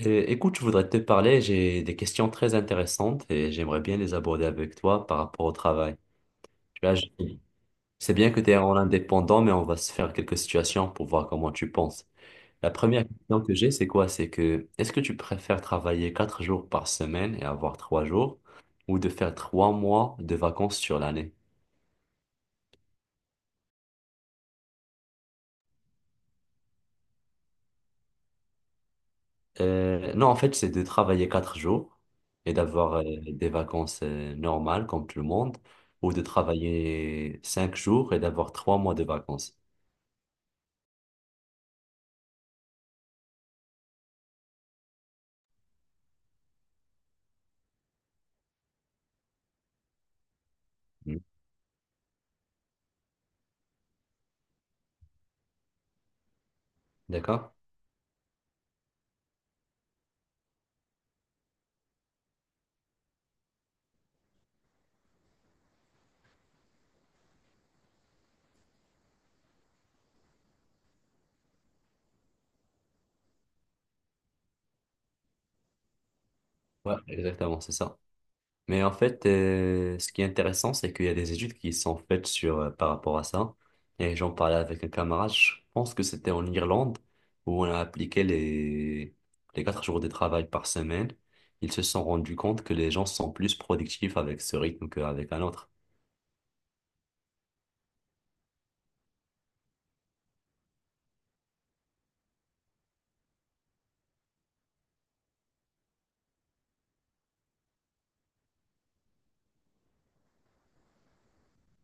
Écoute, je voudrais te parler, j'ai des questions très intéressantes et j'aimerais bien les aborder avec toi par rapport au travail. Tu vois, je- c'est bien que tu es en indépendant, mais on va se faire quelques situations pour voir comment tu penses. La première question que j'ai, c'est quoi? C'est que est-ce que tu préfères travailler quatre jours par semaine et avoir trois jours ou de faire trois mois de vacances sur l'année? Non, en fait, c'est de travailler quatre jours et d'avoir des vacances normales comme tout le monde, ou de travailler cinq jours et d'avoir trois mois de vacances. Mm. D'accord? Ouais, exactement, c'est ça. Mais en fait, ce qui est intéressant, c'est qu'il y a des études qui sont faites sur, par rapport à ça. Et j'en parlais avec un camarade, je pense que c'était en Irlande, où on a appliqué les quatre jours de travail par semaine. Ils se sont rendus compte que les gens sont plus productifs avec ce rythme qu'avec un autre.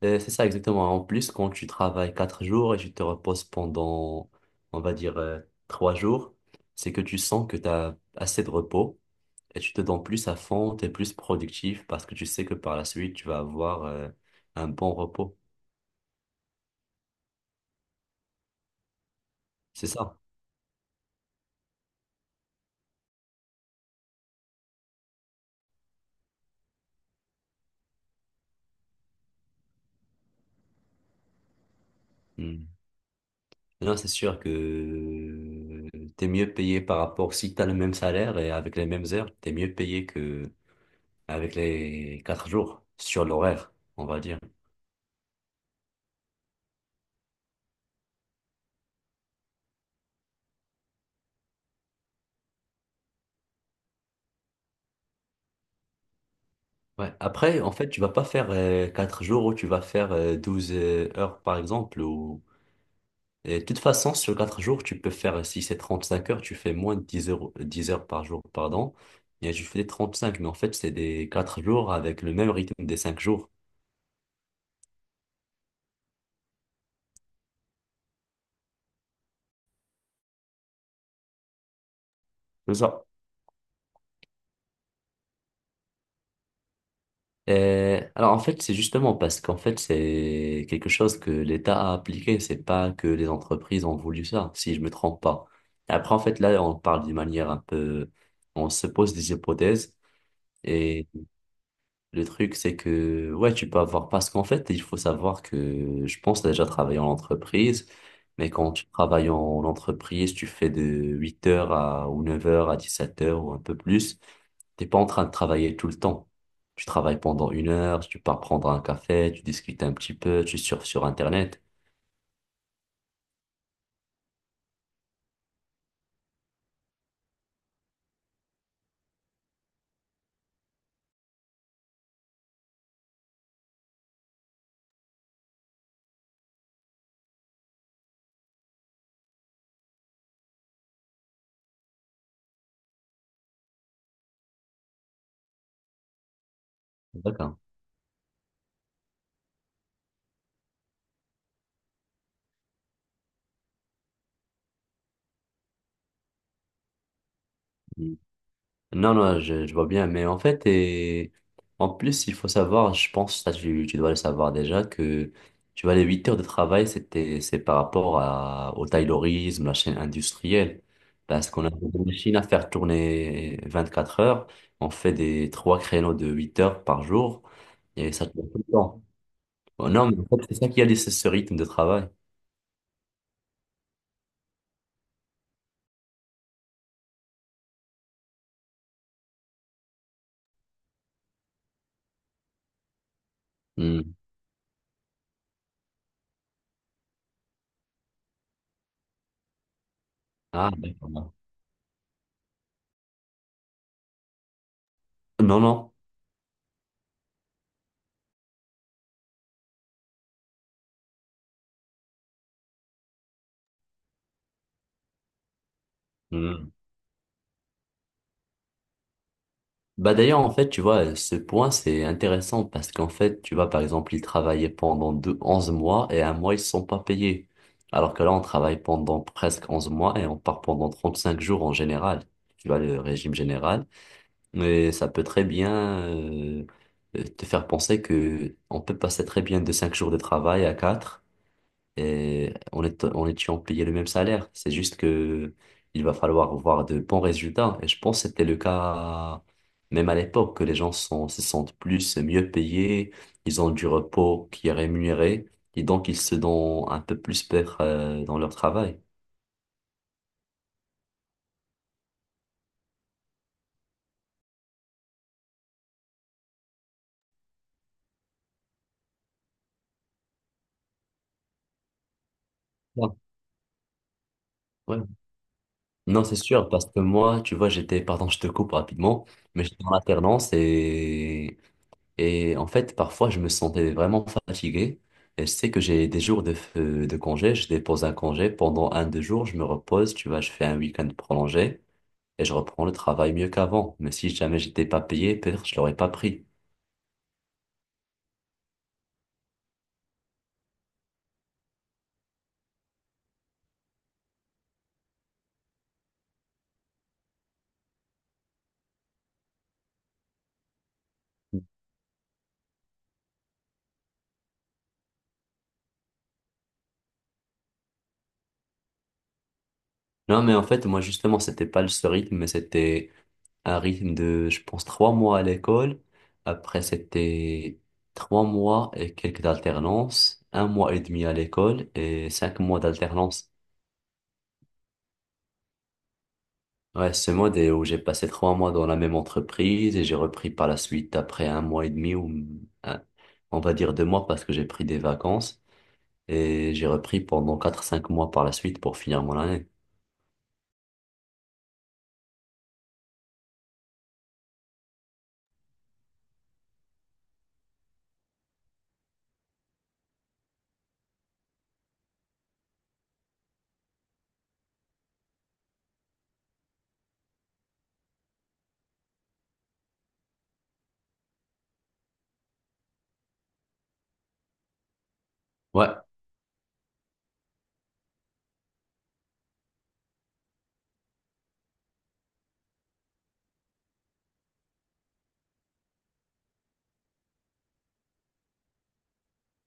C'est ça exactement. En plus, quand tu travailles quatre jours et tu te reposes pendant, on va dire, trois jours, c'est que tu sens que tu as assez de repos et tu te donnes plus à fond, tu es plus productif parce que tu sais que par la suite, tu vas avoir un bon repos. C'est ça. Mm. Là, c'est sûr que tu es mieux payé par rapport, si tu as le même salaire et avec les mêmes heures, tu es mieux payé que avec les quatre jours sur l'horaire, on va dire. Ouais. Après, en fait, tu vas pas faire 4 jours ou tu vas faire 12 heures, par exemple. Ou... Et de toute façon, sur 4 jours, tu peux faire, si c'est 35 heures, tu fais moins de 10 heures, 10 heures par jour, pardon. Et tu fais 35 mais en fait, c'est des 4 jours avec le même rythme des cinq jours. C'est ça. Et alors, en fait, c'est justement parce qu'en fait, c'est quelque chose que l'État a appliqué. C'est pas que les entreprises ont voulu ça, si je me trompe pas. Après, en fait, là, on parle d'une manière un peu... On se pose des hypothèses. et Le truc, c'est que, ouais, tu peux avoir, parce qu'en fait, il faut savoir que je pense déjà travailler en entreprise, mais quand tu travailles en entreprise, tu fais de 8 heures à, ou 9 heures à 17 heures ou un peu plus, t'es pas en train de travailler tout le temps. Tu travailles pendant une heure, tu pars prendre un café, tu discutes un petit peu, tu surfes sur Internet. D'accord. Non, non, je vois bien, mais en fait, et en plus, il faut savoir, je pense, ça, tu dois le savoir déjà, que tu vois, les 8 heures de travail, c'est par rapport à, au taylorisme, la chaîne industrielle. Parce qu'on a des machines à faire tourner 24 heures, on fait des trois créneaux de 8 heures par jour, et ça tourne tout le temps. Oh, non, mais en fait, c'est ça qui a laissé ce rythme de travail. Hmm. Ah, d'accord. Non, non. Hmm. Bah d'ailleurs, en fait, tu vois, ce point, c'est intéressant parce qu'en fait, tu vois, par exemple, ils travaillaient pendant deux, 11 mois et un mois, ils ne sont pas payés. Alors que là, on travaille pendant presque 11 mois et on part pendant 35 jours en général. Tu vois, le régime général. Mais ça peut très bien te faire penser que on peut passer très bien de 5 jours de travail à 4 et en étant payé le même salaire. C'est juste que il va falloir voir de bons résultats. Et je pense que c'était le cas même à l'époque, que les gens se sentent plus mieux payés, ils ont du repos qui est rémunéré, et donc ils se donnent un peu plus peur dans leur travail. Ouais. Ouais. Non, c'est sûr, parce que moi, tu vois, j'étais, pardon, je te coupe rapidement, mais j'étais en alternance et en fait, parfois, je me sentais vraiment fatigué. Et je sais que j'ai des jours de congé. Je dépose un congé pendant un, deux jours. Je me repose. Tu vois, je fais un week-end prolongé et je reprends le travail mieux qu'avant. Mais si jamais j'étais pas payé, peut-être je l'aurais pas pris. Non, mais en fait, moi, justement, c'était pas ce rythme, mais c'était un rythme de, je pense, trois mois à l'école. Après, c'était trois mois et quelques alternances, un mois et demi à l'école et cinq mois d'alternance. Ouais, ce mode est où j'ai passé trois mois dans la même entreprise et j'ai repris par la suite après un mois et demi ou un- on va dire deux mois parce que j'ai pris des vacances et j'ai repris pendant quatre, cinq mois par la suite pour finir mon année. Ouais,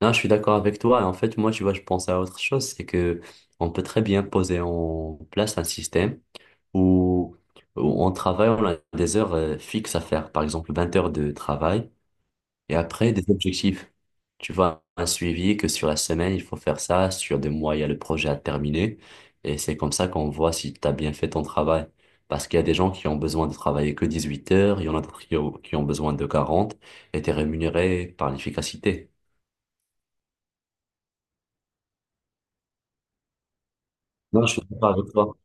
non, je suis d'accord avec toi. En fait, moi, tu vois, je pense à autre chose, c'est que on peut très bien poser en place un système où, où on travaille, on a des heures fixes à faire, par exemple 20 heures de travail. Et après, des objectifs. Tu vois, un suivi que sur la semaine, il faut faire ça, sur des mois, il y a le projet à terminer. Et c'est comme ça qu'on voit si tu as bien fait ton travail. Parce qu'il y a des gens qui ont besoin de travailler que 18 heures, il y en a d'autres qui ont besoin de 40 et tu es rémunéré par l'efficacité. Non, je suis d'accord avec toi.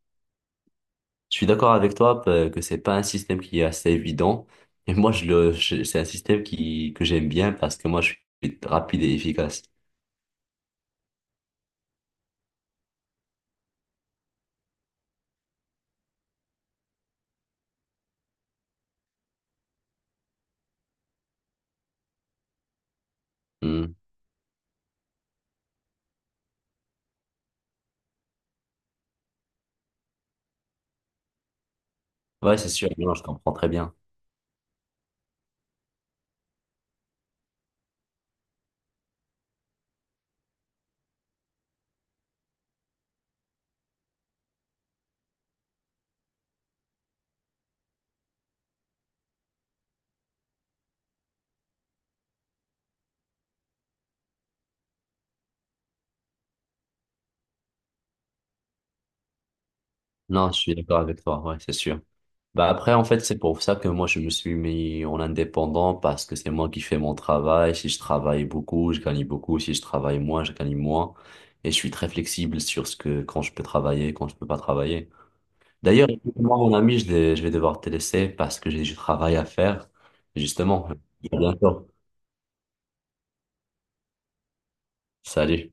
Je suis d'accord avec toi que c'est pas un système qui est assez évident. Et moi, c'est un système que j'aime bien parce que moi, je suis rapide et efficace. Hmm. Ouais, c'est sûr. Non, je comprends très bien. Non, je suis d'accord avec toi, ouais, c'est sûr. Bah après, en fait, c'est pour ça que moi, je me suis mis en indépendant parce que c'est moi qui fais mon travail. Si je travaille beaucoup, je gagne beaucoup. Si je travaille moins, je gagne moins. Et je suis très flexible sur ce que, quand je peux travailler, quand je peux pas travailler. D'ailleurs, moi, mon ami, je vais devoir te laisser parce que j'ai du travail à faire. Justement, à bientôt. Salut.